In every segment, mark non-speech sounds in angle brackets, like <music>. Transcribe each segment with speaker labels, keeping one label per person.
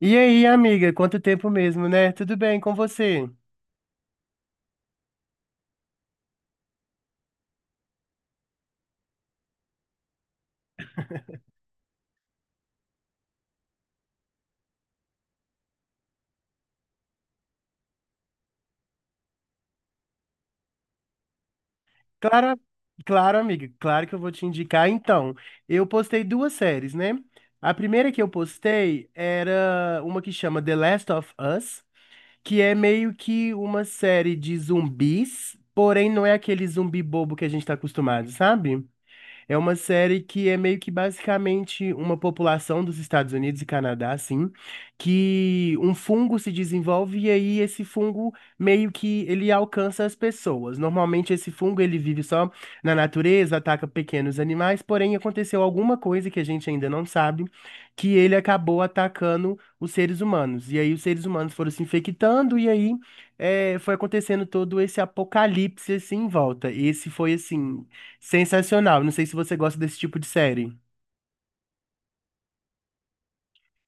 Speaker 1: E aí, amiga, quanto tempo mesmo, né? Tudo bem com você? Claro, claro, amiga, claro que eu vou te indicar. Então, eu postei duas séries, né? A primeira que eu postei era uma que chama The Last of Us, que é meio que uma série de zumbis, porém não é aquele zumbi bobo que a gente tá acostumado, sabe? É uma série que é meio que basicamente uma população dos Estados Unidos e Canadá, assim, que um fungo se desenvolve e aí esse fungo meio que ele alcança as pessoas. Normalmente esse fungo ele vive só na natureza, ataca pequenos animais, porém aconteceu alguma coisa que a gente ainda não sabe, que ele acabou atacando os seres humanos. E aí os seres humanos foram se infectando e aí foi acontecendo todo esse apocalipse assim em volta. E esse foi assim sensacional. Não sei se você gosta desse tipo de série.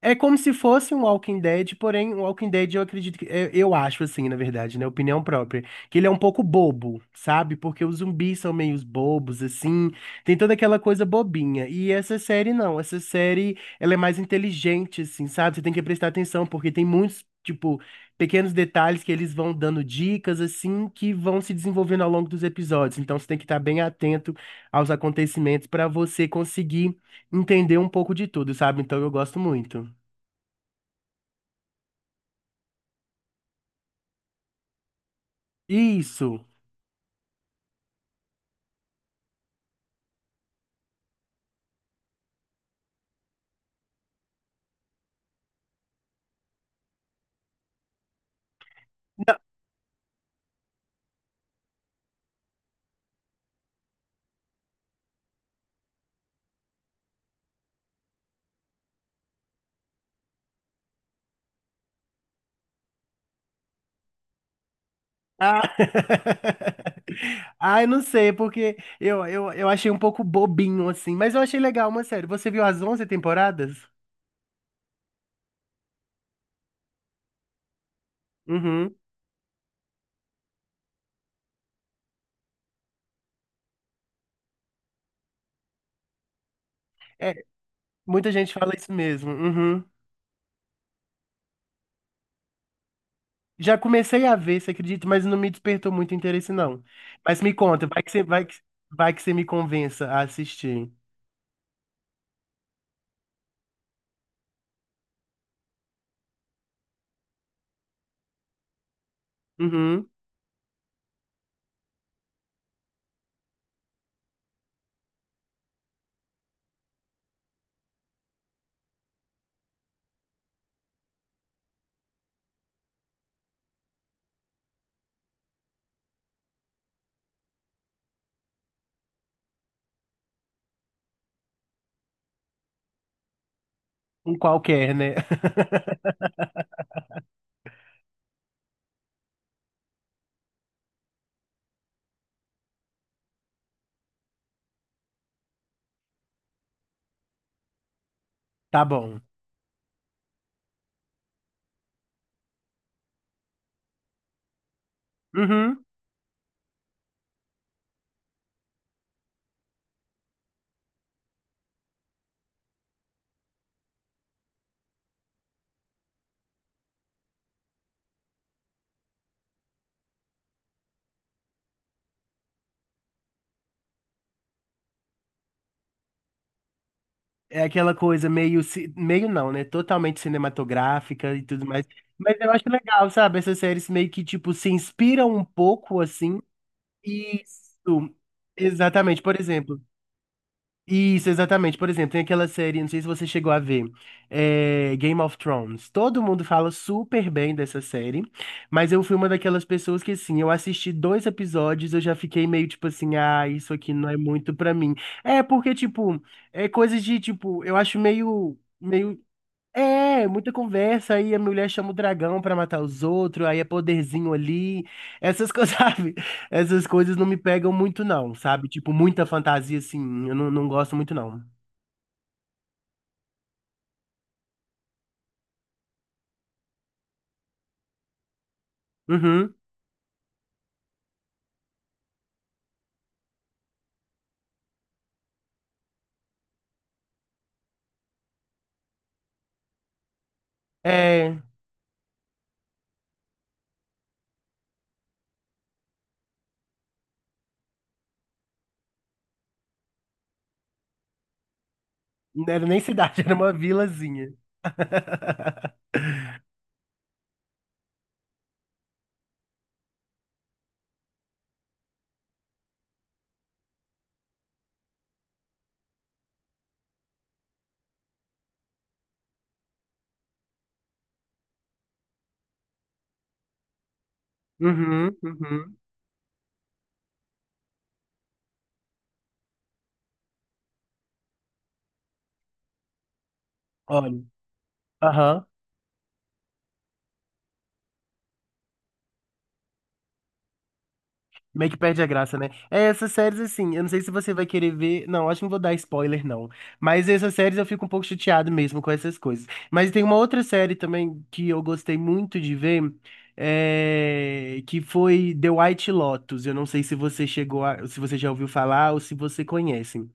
Speaker 1: É como se fosse um Walking Dead, porém, um Walking Dead eu acredito que. Eu acho assim, na verdade, né? Opinião própria. Que ele é um pouco bobo, sabe? Porque os zumbis são meio bobos, assim. Tem toda aquela coisa bobinha. E essa série não. Essa série, ela é mais inteligente, assim, sabe? Você tem que prestar atenção, porque tem muitos, tipo, pequenos detalhes que eles vão dando dicas, assim, que vão se desenvolvendo ao longo dos episódios. Então você tem que estar bem atento aos acontecimentos para você conseguir entender um pouco de tudo, sabe? Então eu gosto muito. Isso. Não. Ah, <laughs> ah, eu não sei, porque eu achei um pouco bobinho, assim, mas eu achei legal uma série. Você viu as 11 temporadas? Uhum. É, muita gente fala isso mesmo. Uhum. Já comecei a ver, você acredita, mas não me despertou muito interesse, não. Mas me conta, vai que você me convença a assistir. Uhum. Um qualquer, né? <laughs> Tá bom. Uhum. É aquela coisa meio, meio não, né? Totalmente cinematográfica e tudo mais. Mas eu acho legal, sabe? Essas séries meio que, tipo, se inspiram um pouco, assim. Isso. Exatamente. Por exemplo, isso, exatamente. Por exemplo, tem aquela série, não sei se você chegou a ver, Game of Thrones. Todo mundo fala super bem dessa série, mas eu fui uma daquelas pessoas que, assim, eu assisti dois episódios, eu já fiquei meio tipo assim, ah, isso aqui não é muito pra mim. É porque, tipo, é coisas de, tipo, eu acho meio. Meio muita conversa, aí a mulher chama o dragão pra matar os outros, aí é poderzinho ali. Essas coisas, <laughs> sabe? Essas coisas não me pegam muito, não, sabe? Tipo, muita fantasia, assim, eu não gosto muito, não. Uhum. É, não era nem cidade, <laughs> era uma vilazinha. <laughs> Uhum, uhum. Olha. Aham. Meio que perde a graça, né? É, essas séries, assim, eu não sei se você vai querer ver. Não, acho que não vou dar spoiler, não. Mas essas séries eu fico um pouco chateado mesmo com essas coisas. Mas tem uma outra série também que eu gostei muito de ver, que foi The White Lotus. Eu não sei se você já ouviu falar ou se você conhece.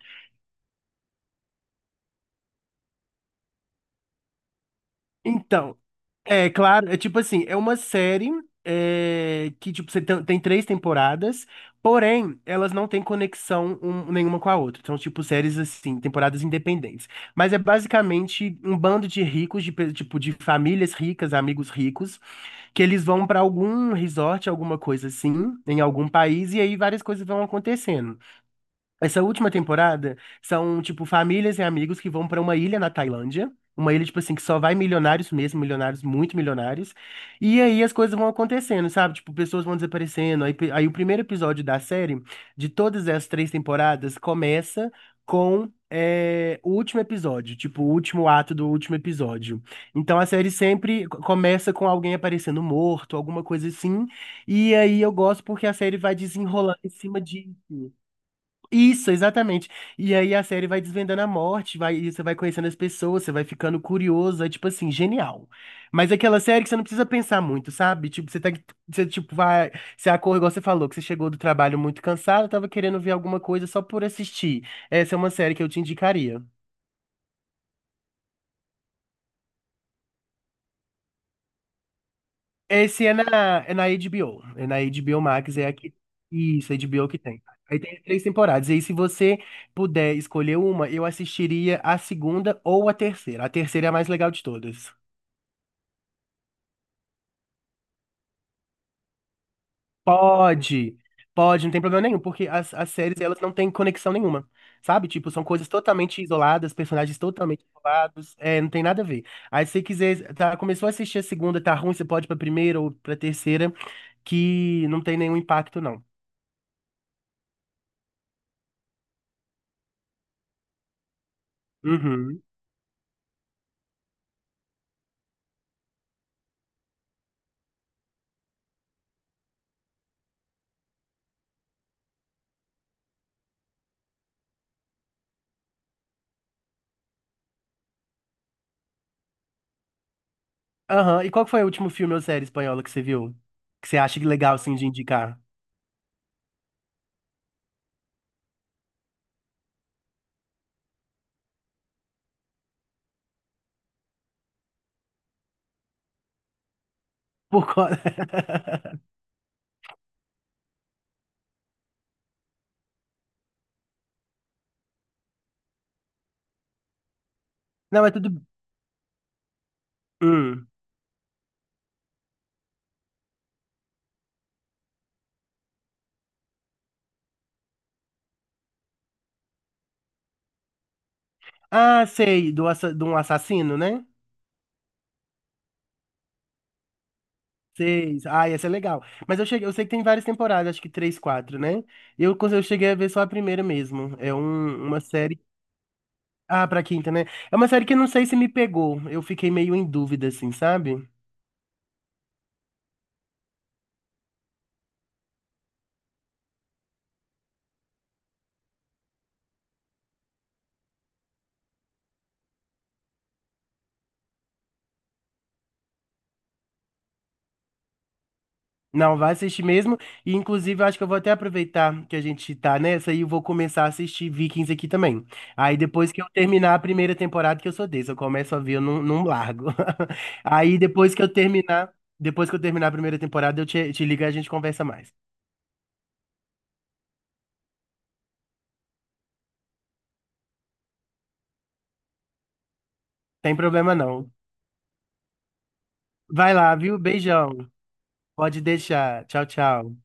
Speaker 1: Então. É, claro, é tipo assim, é uma série que tipo, você tem três temporadas, porém, elas não têm conexão nenhuma com a outra. São tipo séries assim, temporadas independentes. Mas é basicamente um bando de ricos, tipo, de famílias ricas, amigos ricos, que eles vão pra algum resort, alguma coisa assim, em algum país, e aí várias coisas vão acontecendo. Essa última temporada são, tipo, famílias e amigos que vão pra uma ilha na Tailândia. Uma ilha, tipo assim, que só vai milionários mesmo, milionários, muito milionários. E aí as coisas vão acontecendo, sabe? Tipo, pessoas vão desaparecendo. Aí o primeiro episódio da série, de todas as três temporadas, começa com o último episódio, tipo, o último ato do último episódio. Então a série sempre começa com alguém aparecendo morto, alguma coisa assim. E aí eu gosto porque a série vai desenrolando em cima disso. Isso, exatamente. E aí a série vai desvendando a morte, vai, e você vai conhecendo as pessoas, você vai ficando curioso, é tipo assim, genial. Mas é aquela série que você não precisa pensar muito, sabe? Tipo, você tá, você tipo vai, você acorda, igual você falou, que você chegou do trabalho muito cansado, tava querendo ver alguma coisa só por assistir. Essa é uma série que eu te indicaria. Esse é na HBO. É na HBO Max, é aqui. Isso, HBO que tem. Aí tem três temporadas. E aí, se você puder escolher uma, eu assistiria a segunda ou a terceira. A terceira é a mais legal de todas. Pode, pode, não tem problema nenhum, porque as séries elas não têm conexão nenhuma, sabe? Tipo, são coisas totalmente isoladas, personagens totalmente isolados, não tem nada a ver. Aí se você quiser, tá, começou a assistir a segunda, tá ruim, você pode ir pra primeira ou pra terceira, que não tem nenhum impacto, não. Uhum. Aham. E qual que foi o último filme ou série espanhola que você viu? Que você acha que legal, assim, de indicar? Por co... <laughs> Não, mas tudo... Hum. Ah, sei, de um assassino, né? Sei. Ah, essa é legal. Mas eu sei que tem várias temporadas, acho que três, quatro, né? Eu cheguei a ver só a primeira mesmo. É uma série. Ah, pra quinta, né? É uma série que eu não sei se me pegou. Eu fiquei meio em dúvida, assim, sabe? Não, vai assistir mesmo. E, inclusive, eu acho que eu vou até aproveitar que a gente tá nessa e eu vou começar a assistir Vikings aqui também. Aí, depois que eu terminar a primeira temporada, que eu sou desse, eu começo a ver, eu não largo. <laughs> Aí, depois que eu terminar a primeira temporada, eu te ligo e a gente conversa mais. Tem problema não. Vai lá, viu? Beijão. Pode deixar. Tchau, tchau.